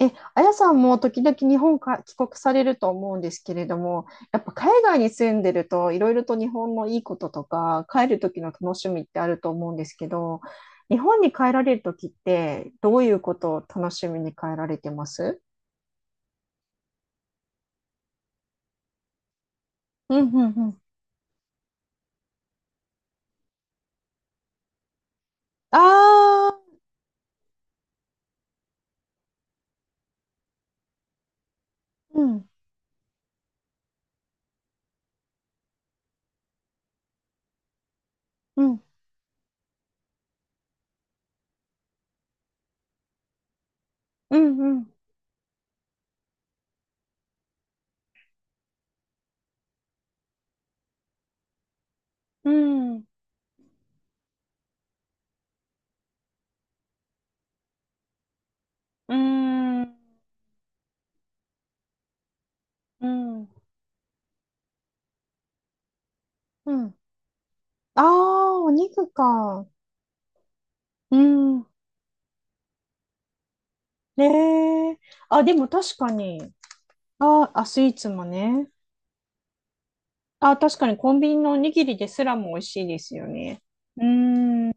え、あやさんも時々日本か帰国されると思うんですけれども、やっぱ海外に住んでるといろいろと日本のいいこととか、帰る時の楽しみってあると思うんですけど、日本に帰られる時ってどういうことを楽しみに帰られてます？うん。ああ、うん、うん、うん、うん、うん、うん、うん、うん。ああー、お肉か。うん。ねえ。あ、でも確かに。ああ、スイーツもね。あ、確かにコンビニのおにぎりですらも美味しいですよね。うーん。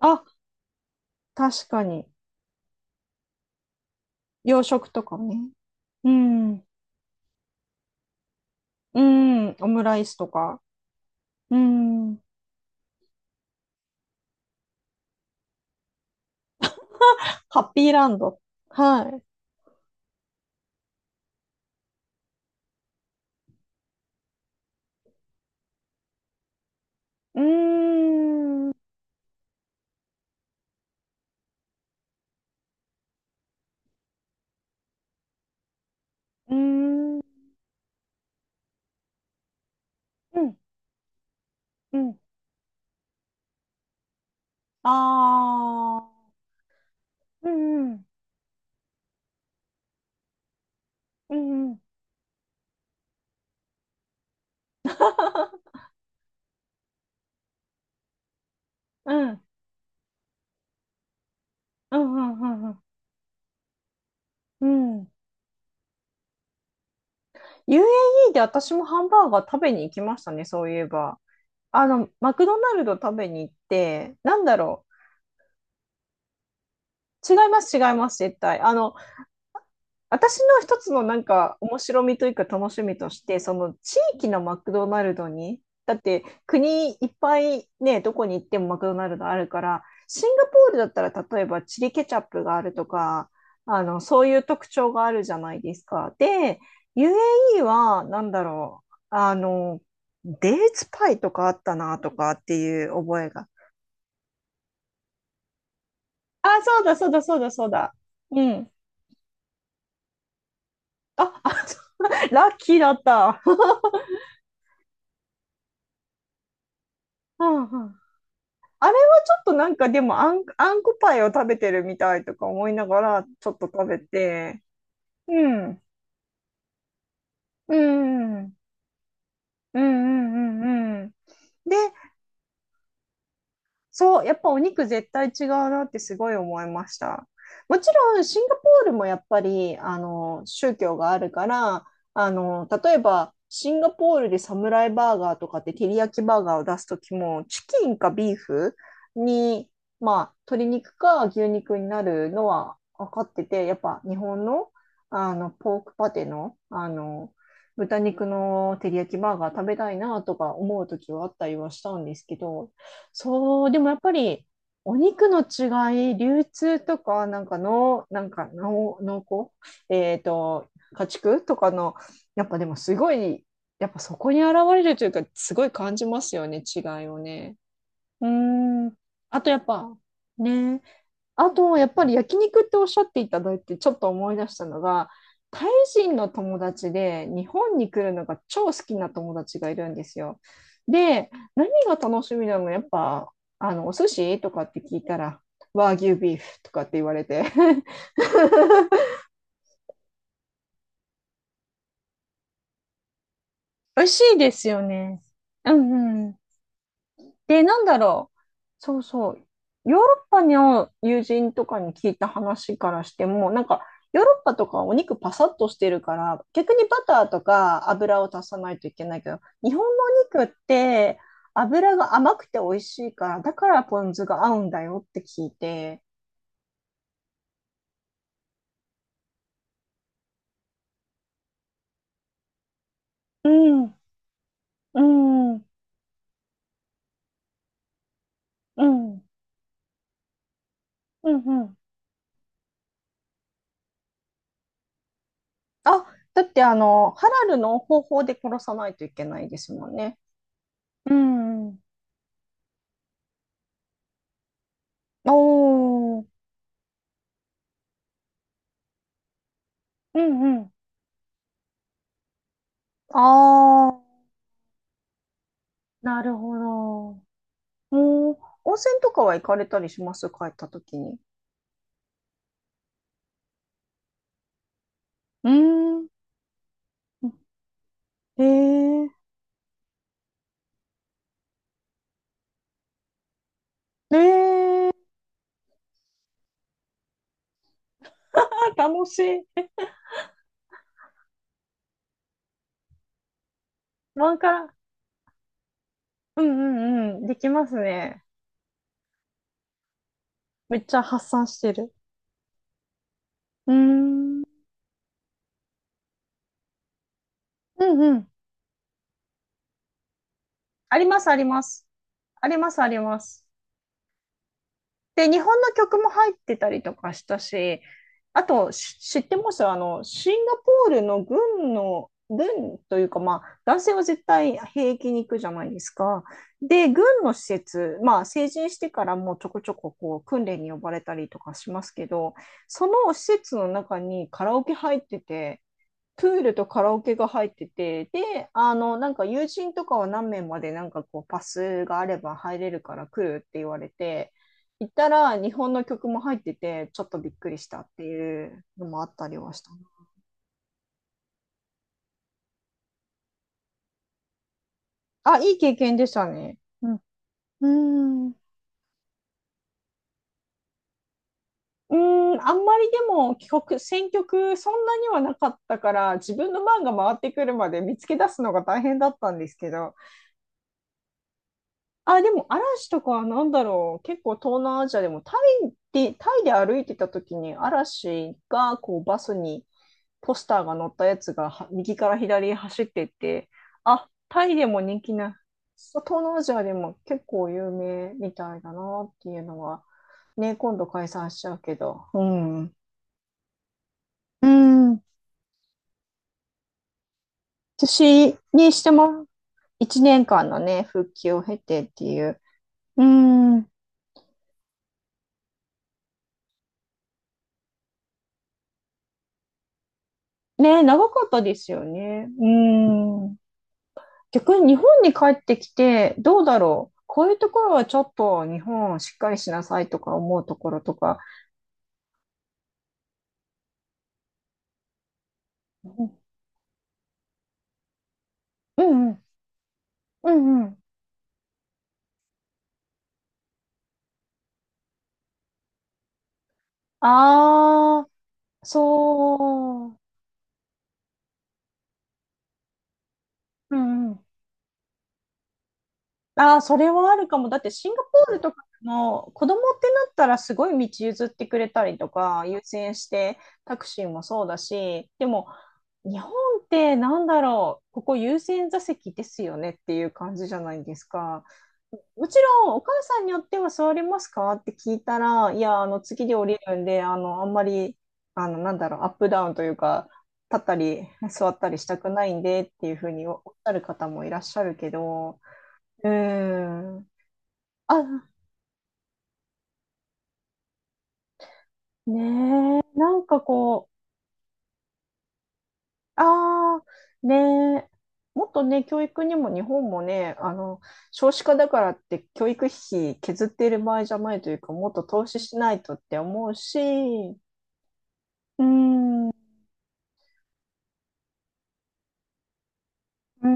あ、確かに。洋食とかね。うん。うん。オムライスとか。うん。ハッピーランド。はい。うーん。うーん。うん。うん。ああ。うん。うん。うん。うん。うん UAE で私もハンバーガー食べに行きましたね、そういえば。あの、マクドナルド食べに行って、なんだろう。違います、違います、絶対。あの、私の一つのなんか面白みというか楽しみとして、その地域のマクドナルドに、だって国いっぱいね、どこに行ってもマクドナルドあるから、シンガポールだったら例えばチリケチャップがあるとか、あの、そういう特徴があるじゃないですか。で、UAE はなんだろう。あの、デーツパイとかあったなとかっていう覚えが。あ、そうだ、そうだ、そうだ、そうだ。うん。あ、あ、そう ラッキーだった。うんうん。あれはちょっとなんかでもあん、あんこパイを食べてるみたいとか思いながらちょっと食べて、うん、うん、うん、うん。で、そう、やっぱお肉絶対違うなってすごい思いました。もちろんシンガポールもやっぱりあの宗教があるから、あの例えばシンガポールでサムライバーガーとかって照り焼きバーガーを出すときもチキンかビーフに、まあ、鶏肉か牛肉になるのは分かっててやっぱ日本の、あのポークパテの、あの豚肉の照り焼きバーガー食べたいなとか思うときはあったりはしたんですけど、そう、でもやっぱり、お肉の違い、流通とか、なんかの、なんかの、濃厚、家畜とかの、やっぱでもすごい、やっぱそこに現れるというか、すごい感じますよね、違いをね。うーん。あとやっぱ、ね、あと、やっぱり焼肉っておっしゃっていただいて、ちょっと思い出したのが、タイ人の友達で日本に来るのが超好きな友達がいるんですよ。で、何が楽しみなの？やっぱ、あの、お寿司とかって聞いたら、和牛ビーフとかって言われて、美味しいですよね。うん。で、なんだろう。そうそう。ヨーロッパの友人とかに聞いた話からしても、なんか、ヨーロッパとかはお肉パサッとしてるから、逆にバターとか油を足さないといけないけど、日本のお肉って油が甘くて美味しいから、だからポン酢が合うんだよって聞いて。うん、うん、うん、うん、うん。あ、だってあの、ハラルの方法で殺さないといけないですもんね。うん。おー、うん。ああ、なるほど。うん。温泉とかは行かれたりします？帰った時に。うーん。ええ。ええ。あ、楽しい。ワンカラ。うんうん。できますね。めっちゃ発散してる。うーん。うんうん。あります、あります。あります、あります。で、日本の曲も入ってたりとかしたし、あと、し知ってます？あの、シンガポールの軍の、軍というか、まあ、男性は絶対兵役に行くじゃないですか。で、軍の施設、まあ、成人してからもうちょこちょここう訓練に呼ばれたりとかしますけど、その施設の中にカラオケ入ってて、プールとカラオケが入ってて、で、あの、なんか友人とかは何名までなんかこうパスがあれば入れるから来るって言われて、行ったら日本の曲も入ってて、ちょっとびっくりしたっていうのもあったりはしたな。あ、いい経験でしたね。うん。うん。うん、あんまりでも帰国、選曲そんなにはなかったから、自分の番が回ってくるまで見つけ出すのが大変だったんですけど、あ、でも嵐とかはなんだろう。結構東南アジアでもタイで、タイで歩いてた時に嵐がこうバスにポスターが載ったやつがは右から左へ走ってって、あ、タイでも人気な、そう東南アジアでも結構有名みたいだなっていうのは、ね、今度解散しちゃうけど。うん。うん。私にしても1年間のね、復帰を経てっていう。うん。ね、長かったですよね。うん。逆に日本に帰ってきて、どうだろう。こういうところはちょっと日本をしっかりしなさいとか思うところとか。うんうん。うん。ああ、そう。うん。ああ、それはあるかも。だってシンガポールとかの子供ってなったらすごい道譲ってくれたりとか、優先してタクシーもそうだし、でも日本ってなんだろう、ここ優先座席ですよねっていう感じじゃないですか。もちろんお母さんによっては座れますかって聞いたら、いや、あの次で降りるんで、あの、あんまり、あの、なんだろう、アップダウンというか、立ったり座ったりしたくないんでっていうふうにおっしゃる方もいらっしゃるけど、うん。あ、ねえ、なんかこう、ああ、ねえ、もっとね、教育にも日本もね、あの、少子化だからって教育費削っている場合じゃないというか、もっと投資しないとって思うし、うん、うん、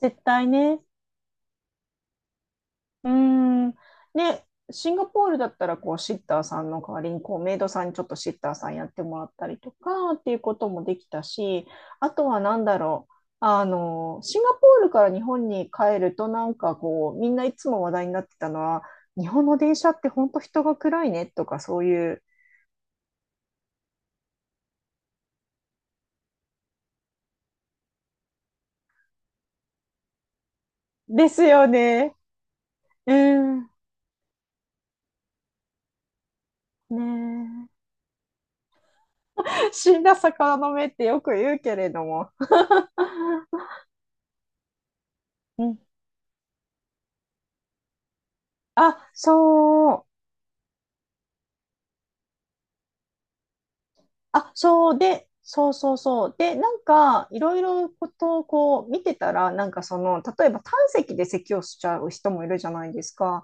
絶対ね、うーん。で、シンガポールだったら、こう、シッターさんの代わりに、こう、メイドさんにちょっとシッターさんやってもらったりとかっていうこともできたし、あとは何だろう。あの、シンガポールから日本に帰ると、なんかこう、みんないつも話題になってたのは、日本の電車って本当人が暗いねとか、そういう。ですよね。うん。ねえ。死んだ魚の目ってよく言うけれども。うん。あ、そう。あ、そうで、そうそうそう。で、なんか、いろいろことをこう見てたら、なんかその、例えば胆石で咳をしちゃう人もいるじゃないですか。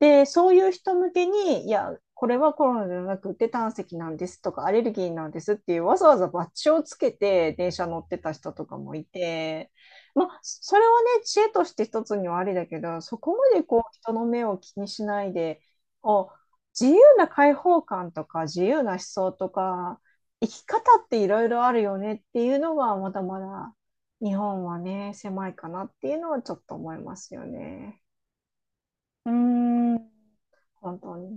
で、そういう人向けに、いや、これはコロナじゃなくて胆石なんですとか、アレルギーなんですっていう、わざわざバッジをつけて電車乗ってた人とかもいて、まあ、それはね、知恵として一つにはありだけど、そこまでこう、人の目を気にしないで、こう自由な開放感とか自由な思想とか生き方っていろいろあるよねっていうのは、まだまだ日本はね、狭いかなっていうのはちょっと思いますよね。うーん。本当に。